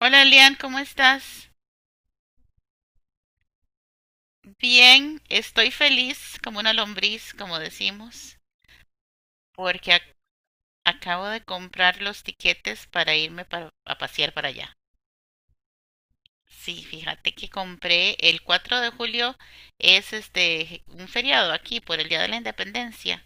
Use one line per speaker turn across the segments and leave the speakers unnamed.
Hola Elian, ¿cómo estás? Bien, estoy feliz como una lombriz, como decimos, porque acabo de comprar los tiquetes para irme a pasear para allá. Sí, fíjate que compré el 4 de julio, es este un feriado aquí por el Día de la Independencia.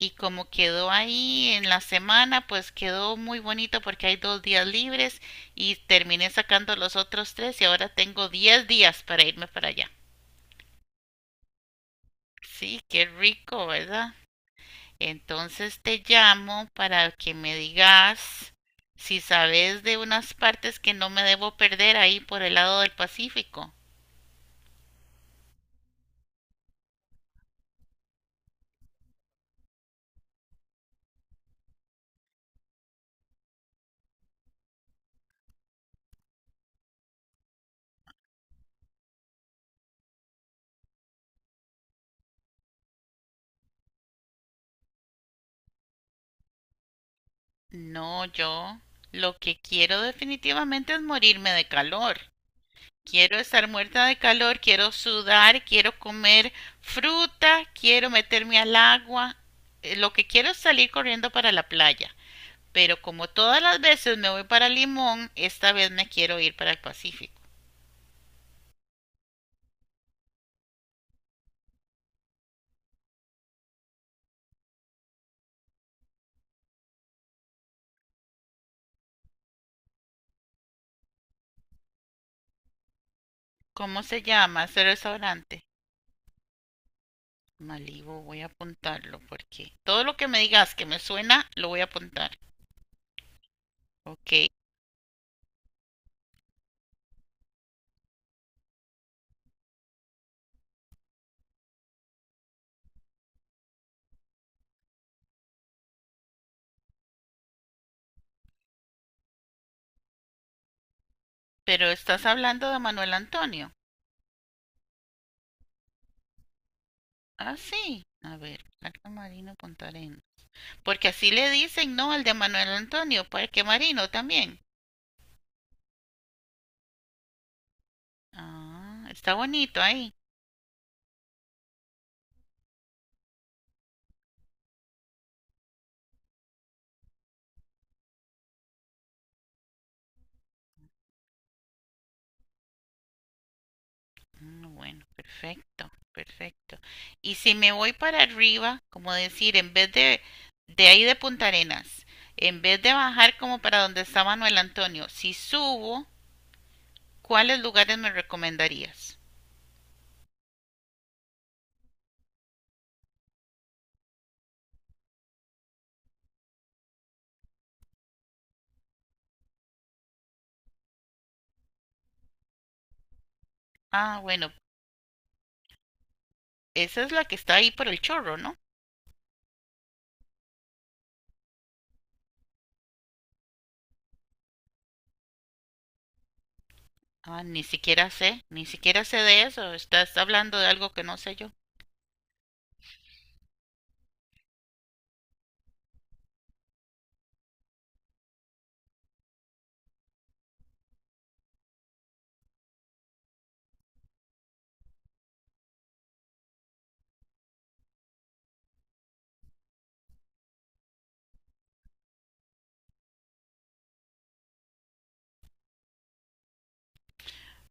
Y como quedó ahí en la semana, pues quedó muy bonito porque hay 2 días libres y terminé sacando los otros tres y ahora tengo 10 días para irme para allá. Sí, qué rico, ¿verdad? Entonces te llamo para que me digas si sabes de unas partes que no me debo perder ahí por el lado del Pacífico. No, yo lo que quiero definitivamente es morirme de calor. Quiero estar muerta de calor, quiero sudar, quiero comer fruta, quiero meterme al agua. Lo que quiero es salir corriendo para la playa. Pero como todas las veces me voy para Limón, esta vez me quiero ir para el Pacífico. ¿Cómo se llama ese restaurante? Malibu, voy a apuntarlo porque todo lo que me digas que me suena, lo voy a apuntar. Ok, pero estás hablando de Manuel Antonio. Ah, sí. A ver, Parque Marino Punta Arenas. Porque así le dicen, ¿no? Al de Manuel Antonio, Parque Marino también. Ah, está bonito ahí. Mm, bueno, perfecto, perfecto. Y si me voy para arriba, como decir, en vez de ahí de Punta Arenas, en vez de bajar como para donde está Manuel Antonio, si subo, ¿cuáles lugares me recomendarías? Ah, bueno, esa es la que está ahí por el chorro, ¿no? Ah, ni siquiera sé, ni siquiera sé de eso. Estás hablando de algo que no sé yo.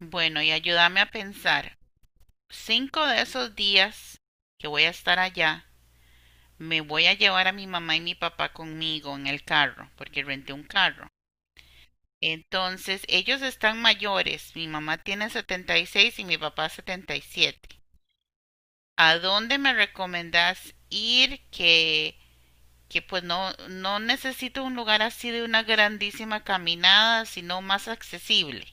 Bueno, y ayúdame a pensar. Cinco de esos días que voy a estar allá, me voy a llevar a mi mamá y mi papá conmigo en el carro, porque renté un carro. Entonces, ellos están mayores. Mi mamá tiene 76 y mi papá 77. ¿A dónde me recomendás ir que pues no necesito un lugar así de una grandísima caminada, sino más accesible.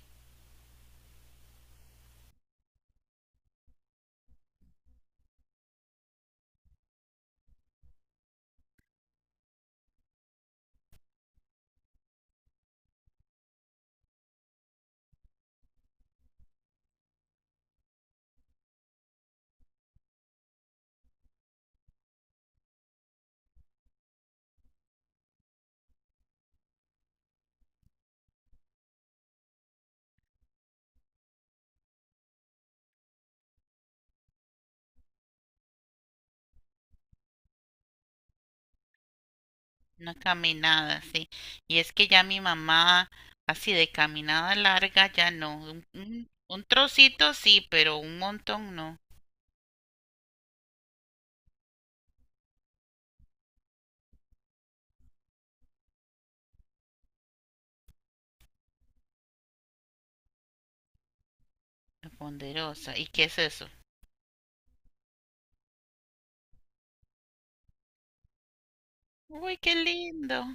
Una caminada, sí. Y es que ya mi mamá, así de caminada larga, ya no. Un trocito sí, pero un montón no. Qué Ponderosa. ¿Y qué es eso? Uy, qué lindo.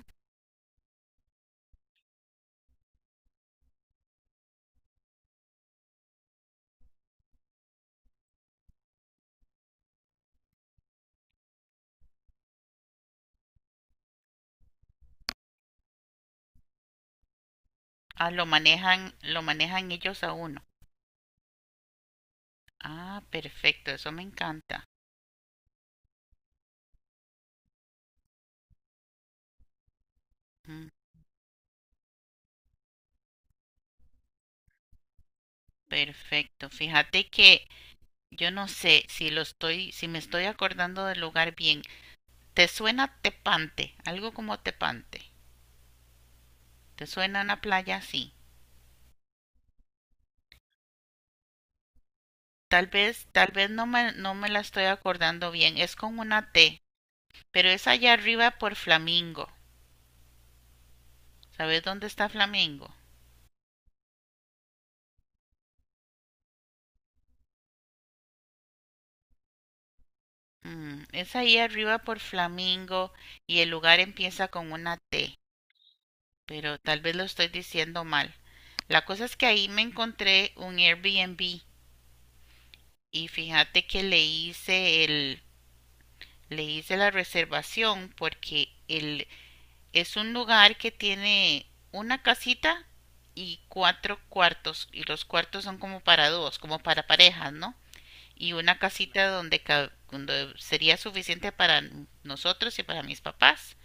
Ah, lo manejan ellos a uno. Ah, perfecto, eso me encanta. Mm, perfecto. Fíjate que yo no sé si me estoy acordando del lugar bien. ¿Te suena Tepante? Algo como Tepante. ¿Te suena una playa así? Tal vez no me la estoy acordando bien. Es con una T, pero es allá arriba por Flamingo. ¿Sabes dónde está Flamingo? Es ahí arriba por Flamingo y el lugar empieza con una T, pero tal vez lo estoy diciendo mal. La cosa es que ahí me encontré un Airbnb y fíjate que le hice la reservación porque el, es un lugar que tiene una casita y cuatro cuartos. Y los cuartos son como para dos, como para parejas, ¿no? Y una casita donde, ca- donde sería suficiente para nosotros y para mis papás.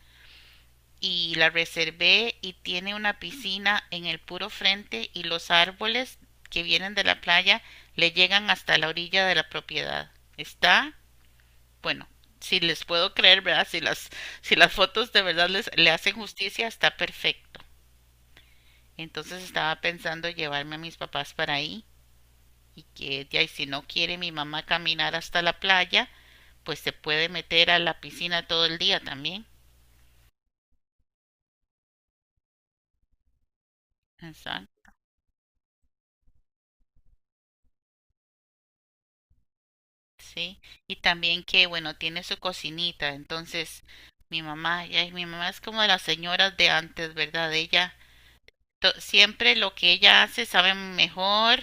Y la reservé y tiene una piscina en el puro frente y los árboles que vienen de la playa le llegan hasta la orilla de la propiedad. Está, bueno, si les puedo creer, ¿verdad? Si las fotos de verdad le hacen justicia, está perfecto. Entonces estaba pensando llevarme a mis papás para ahí y que ella, y si no quiere mi mamá caminar hasta la playa, pues se puede meter a la piscina todo el día también. Exacto. Sí, y también que, bueno, tiene su cocinita, entonces mi mamá, ya, mi mamá es como de las señoras de antes, ¿verdad? Ella siempre lo que ella hace sabe mejor,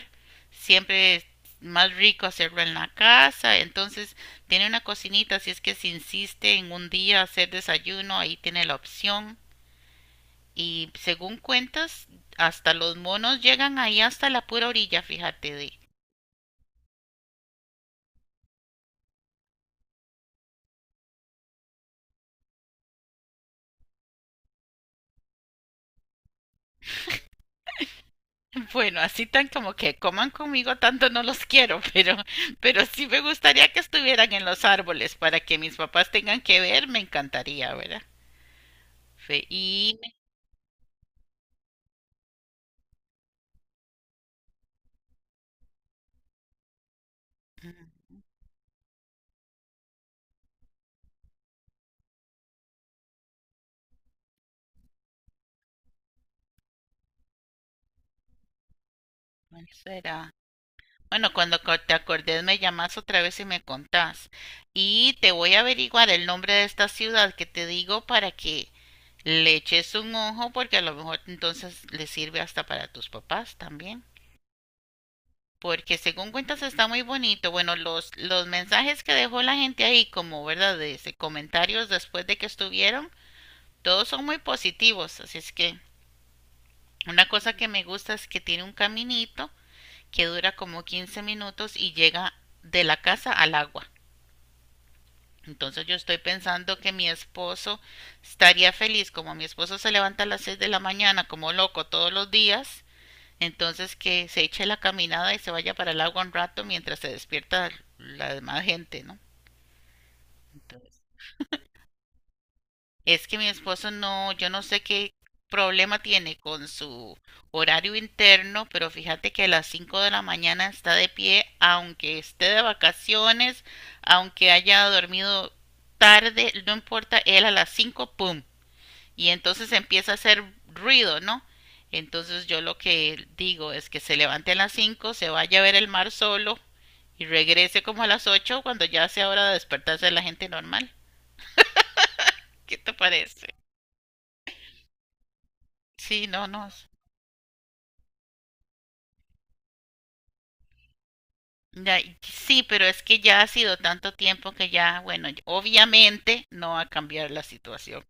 siempre es más rico hacerlo en la casa, entonces tiene una cocinita, si es que se insiste en un día hacer desayuno, ahí tiene la opción. Y según cuentas, hasta los monos llegan ahí hasta la pura orilla, fíjate de. Bueno, así tan como que coman conmigo tanto no los quiero, pero sí me gustaría que estuvieran en los árboles para que mis papás tengan que ver, me encantaría, ¿verdad? Fe- Y ¿Cuál será? Bueno, cuando te acordes me llamas otra vez y me contás. Y te voy a averiguar el nombre de esta ciudad que te digo para que le eches un ojo porque a lo mejor entonces le sirve hasta para tus papás también. Porque según cuentas está muy bonito. Bueno, los mensajes que dejó la gente ahí como, ¿verdad? De comentarios después de que estuvieron, todos son muy positivos. Así es que una cosa que me gusta es que tiene un caminito que dura como 15 minutos y llega de la casa al agua. Entonces yo estoy pensando que mi esposo estaría feliz, como mi esposo se levanta a las 6 de la mañana como loco todos los días, entonces que se eche la caminada y se vaya para el agua un rato mientras se despierta la demás gente, ¿no? Entonces, es que mi esposo no, yo no sé qué problema tiene con su horario interno, pero fíjate que a las 5 de la mañana está de pie, aunque esté de vacaciones, aunque haya dormido tarde, no importa, él a las 5, ¡pum! Y entonces empieza a hacer ruido, ¿no? Entonces yo lo que digo es que se levante a las 5, se vaya a ver el mar solo y regrese como a las 8 cuando ya sea hora de despertarse de la gente normal. ¿Qué te parece? Sí, no, no. Ya, sí, pero es que ya ha sido tanto tiempo que ya, bueno, ya, obviamente no va a cambiar la situación.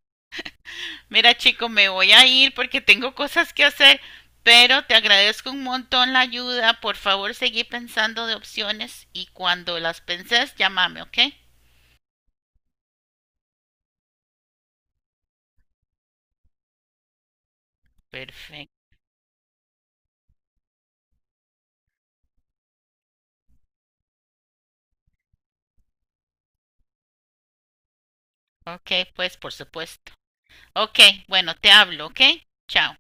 Mira, chico, me voy a ir porque tengo cosas que hacer, pero te agradezco un montón la ayuda. Por favor, seguí pensando de opciones y cuando las penses, llámame, ¿ok? Perfecto. Ok, pues por supuesto. Ok, bueno, te hablo, ¿ok? Chao.